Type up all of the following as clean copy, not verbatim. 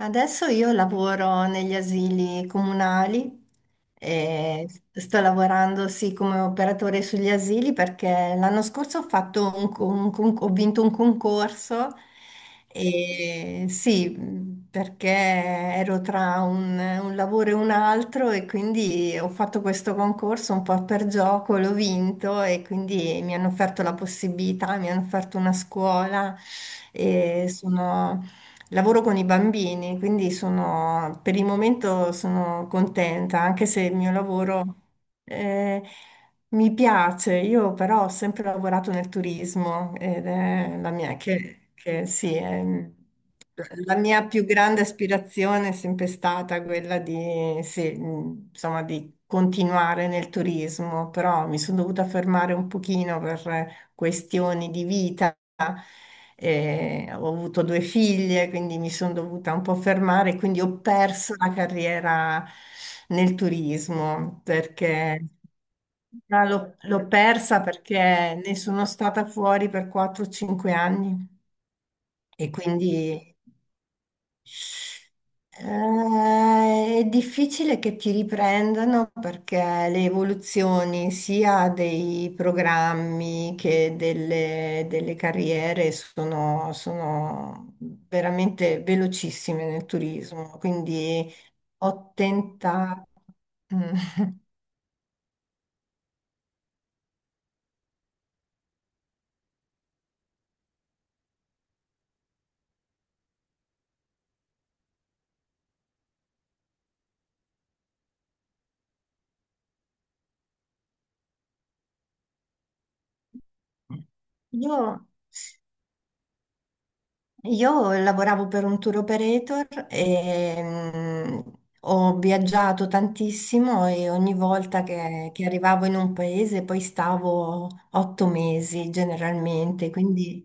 Adesso io lavoro negli asili comunali e sto lavorando sì come operatore sugli asili perché l'anno scorso ho fatto ho vinto un concorso e sì, perché ero tra un lavoro e un altro e quindi ho fatto questo concorso un po' per gioco, l'ho vinto e quindi mi hanno offerto la possibilità, mi hanno offerto una scuola, e sono lavoro con i bambini, quindi per il momento sono contenta, anche se il mio lavoro, eh, mi piace. Io però ho sempre lavorato nel turismo ed è la mia, che sì, la mia più grande aspirazione è sempre stata quella di, sì, insomma, di continuare nel turismo, però mi sono dovuta fermare un pochino per questioni di vita. Ho avuto due figlie, quindi mi sono dovuta un po' fermare, quindi ho perso la carriera nel turismo perché ma l'ho persa perché ne sono stata fuori per 4-5 anni. E quindi è difficile che ti riprendano perché le evoluzioni sia dei programmi che delle carriere sono veramente velocissime nel turismo. Quindi ho tentato. Io Io lavoravo per un tour operator e ho viaggiato tantissimo, e ogni volta che arrivavo in un paese poi stavo 8 mesi generalmente, quindi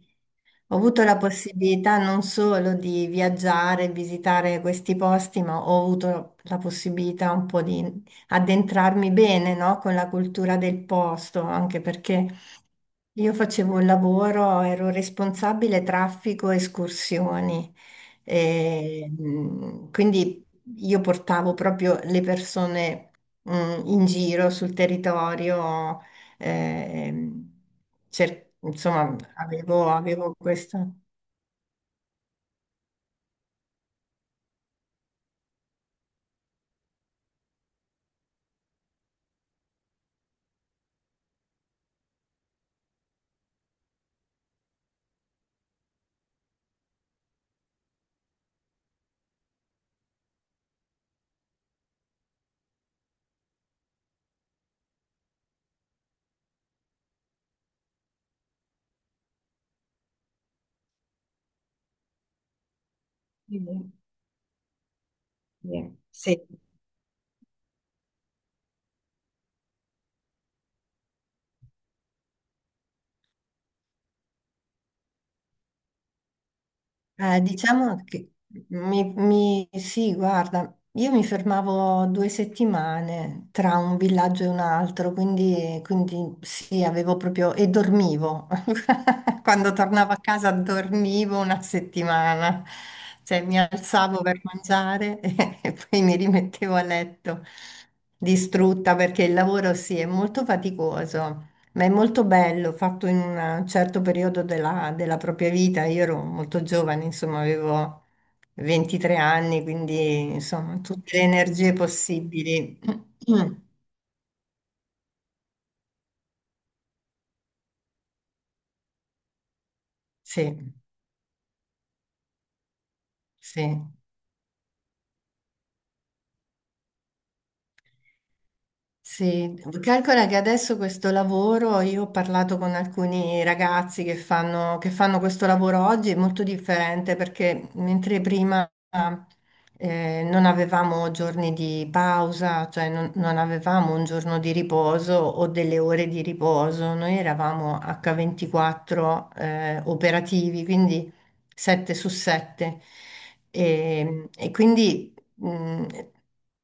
ho avuto la possibilità non solo di viaggiare, visitare questi posti, ma ho avuto la possibilità un po' di addentrarmi bene, no, con la cultura del posto, anche perché. Io facevo un lavoro, ero responsabile traffico e escursioni. E, quindi io portavo proprio le persone in giro sul territorio, ehm, insomma, avevo questo. Sì. Sì. Diciamo che, sì, guarda, io mi fermavo 2 settimane tra un villaggio e un altro, quindi, sì, avevo proprio. E dormivo. Quando tornavo a casa dormivo una settimana, cioè mi alzavo per mangiare e poi mi rimettevo a letto distrutta perché il lavoro sì è molto faticoso. Ma è molto bello, fatto in un certo periodo della propria vita. Io ero molto giovane, insomma, avevo 23 anni, quindi insomma, tutte le energie possibili. Sì, sì. Sì, calcola che adesso questo lavoro, io ho parlato con alcuni ragazzi che fanno questo lavoro oggi, è molto differente, perché mentre prima non avevamo giorni di pausa, cioè non avevamo un giorno di riposo o delle ore di riposo, noi eravamo H24, operativi, quindi 7 su 7. E quindi, mm,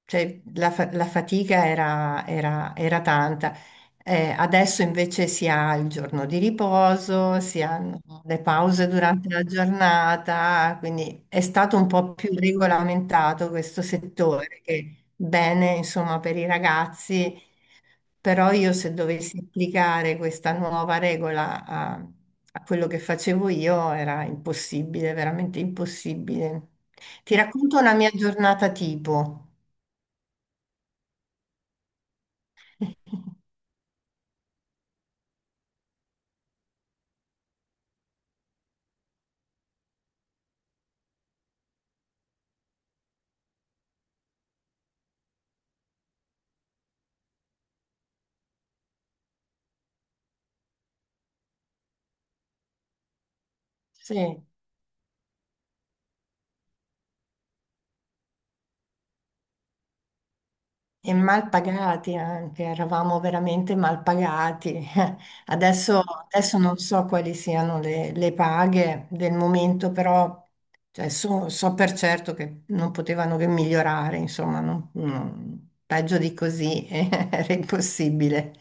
cioè, la fatica era tanta. Adesso invece si ha il giorno di riposo, si hanno le pause durante la giornata, quindi è stato un po' più regolamentato questo settore, che bene, insomma, per i ragazzi. Però io, se dovessi applicare questa nuova regola a quello che facevo io, era impossibile, veramente impossibile. Ti racconto una mia giornata tipo. Sì. E mal pagati anche, eravamo veramente mal pagati. Adesso, Mm. adesso non so quali siano le paghe del momento, però cioè, so per certo che non potevano che migliorare, insomma, peggio di così era impossibile.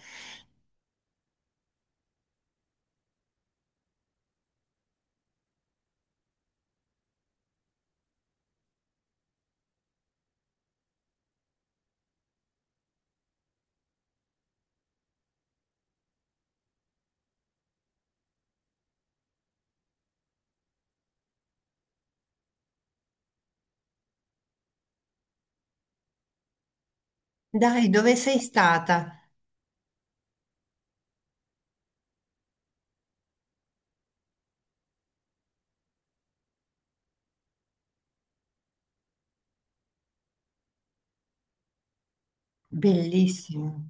Dai, dove sei stata? Bellissimo.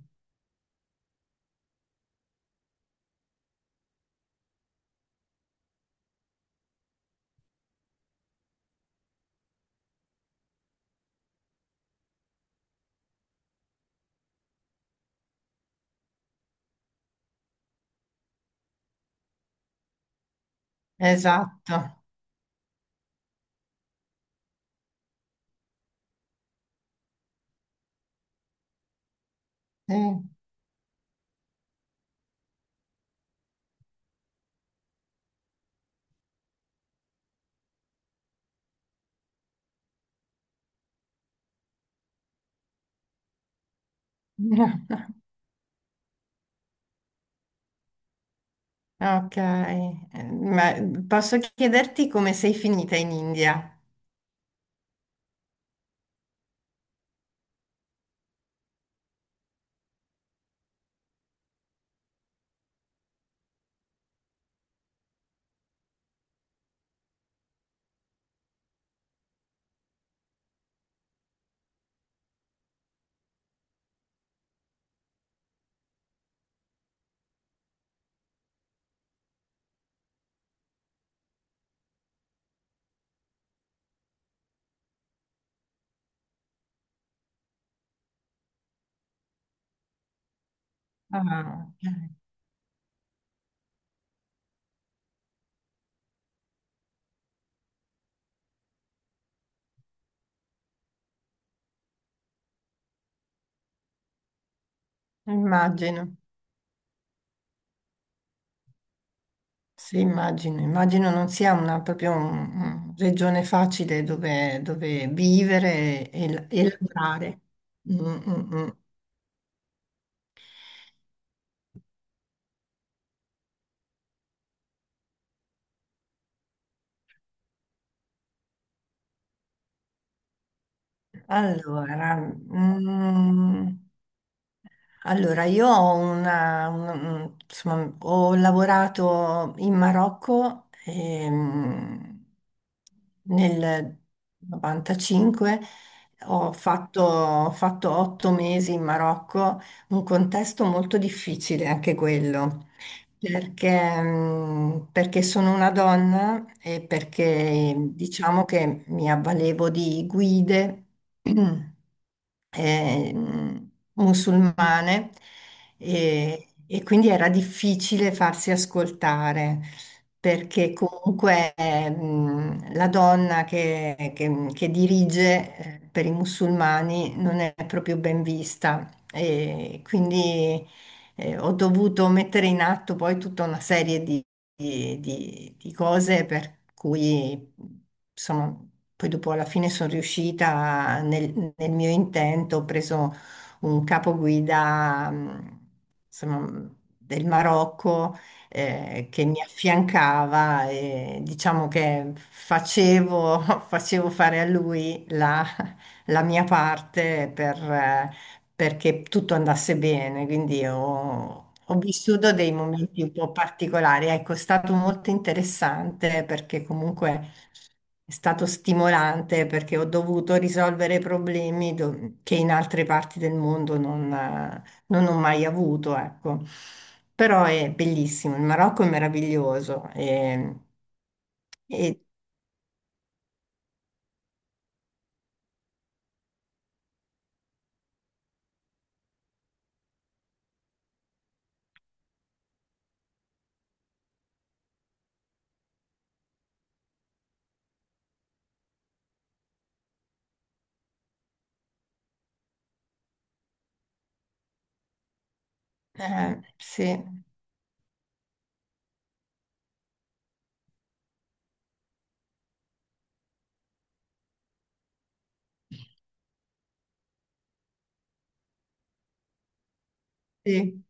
Esatto. Sì. Ok, ma posso chiederti come sei finita in India? Ah, immagino, sì, immagino non sia una, proprio una regione facile dove, dove vivere e lavorare. Mm, mm, mm. Allora, io ho insomma, ho lavorato in Marocco, nel 95, ho fatto 8 mesi in Marocco, un contesto molto difficile anche quello. Perché sono una donna, e perché diciamo che mi avvalevo di guide musulmane, e quindi era difficile farsi ascoltare, perché comunque la donna che dirige, per i musulmani non è proprio ben vista. E quindi ho dovuto mettere in atto poi tutta una serie di, cose, per cui, insomma, poi dopo alla fine sono riuscita nel mio intento. Ho preso un capoguida, insomma, del Marocco, che mi affiancava, e diciamo che facevo, facevo fare a lui la mia parte, perché tutto andasse bene, quindi ho vissuto dei momenti un po' particolari. Ecco, è stato molto interessante, perché comunque è stato stimolante, perché ho dovuto risolvere problemi che in altre parti del mondo non ho mai avuto, ecco. Però è bellissimo, il Marocco è meraviglioso, e, sì, sì.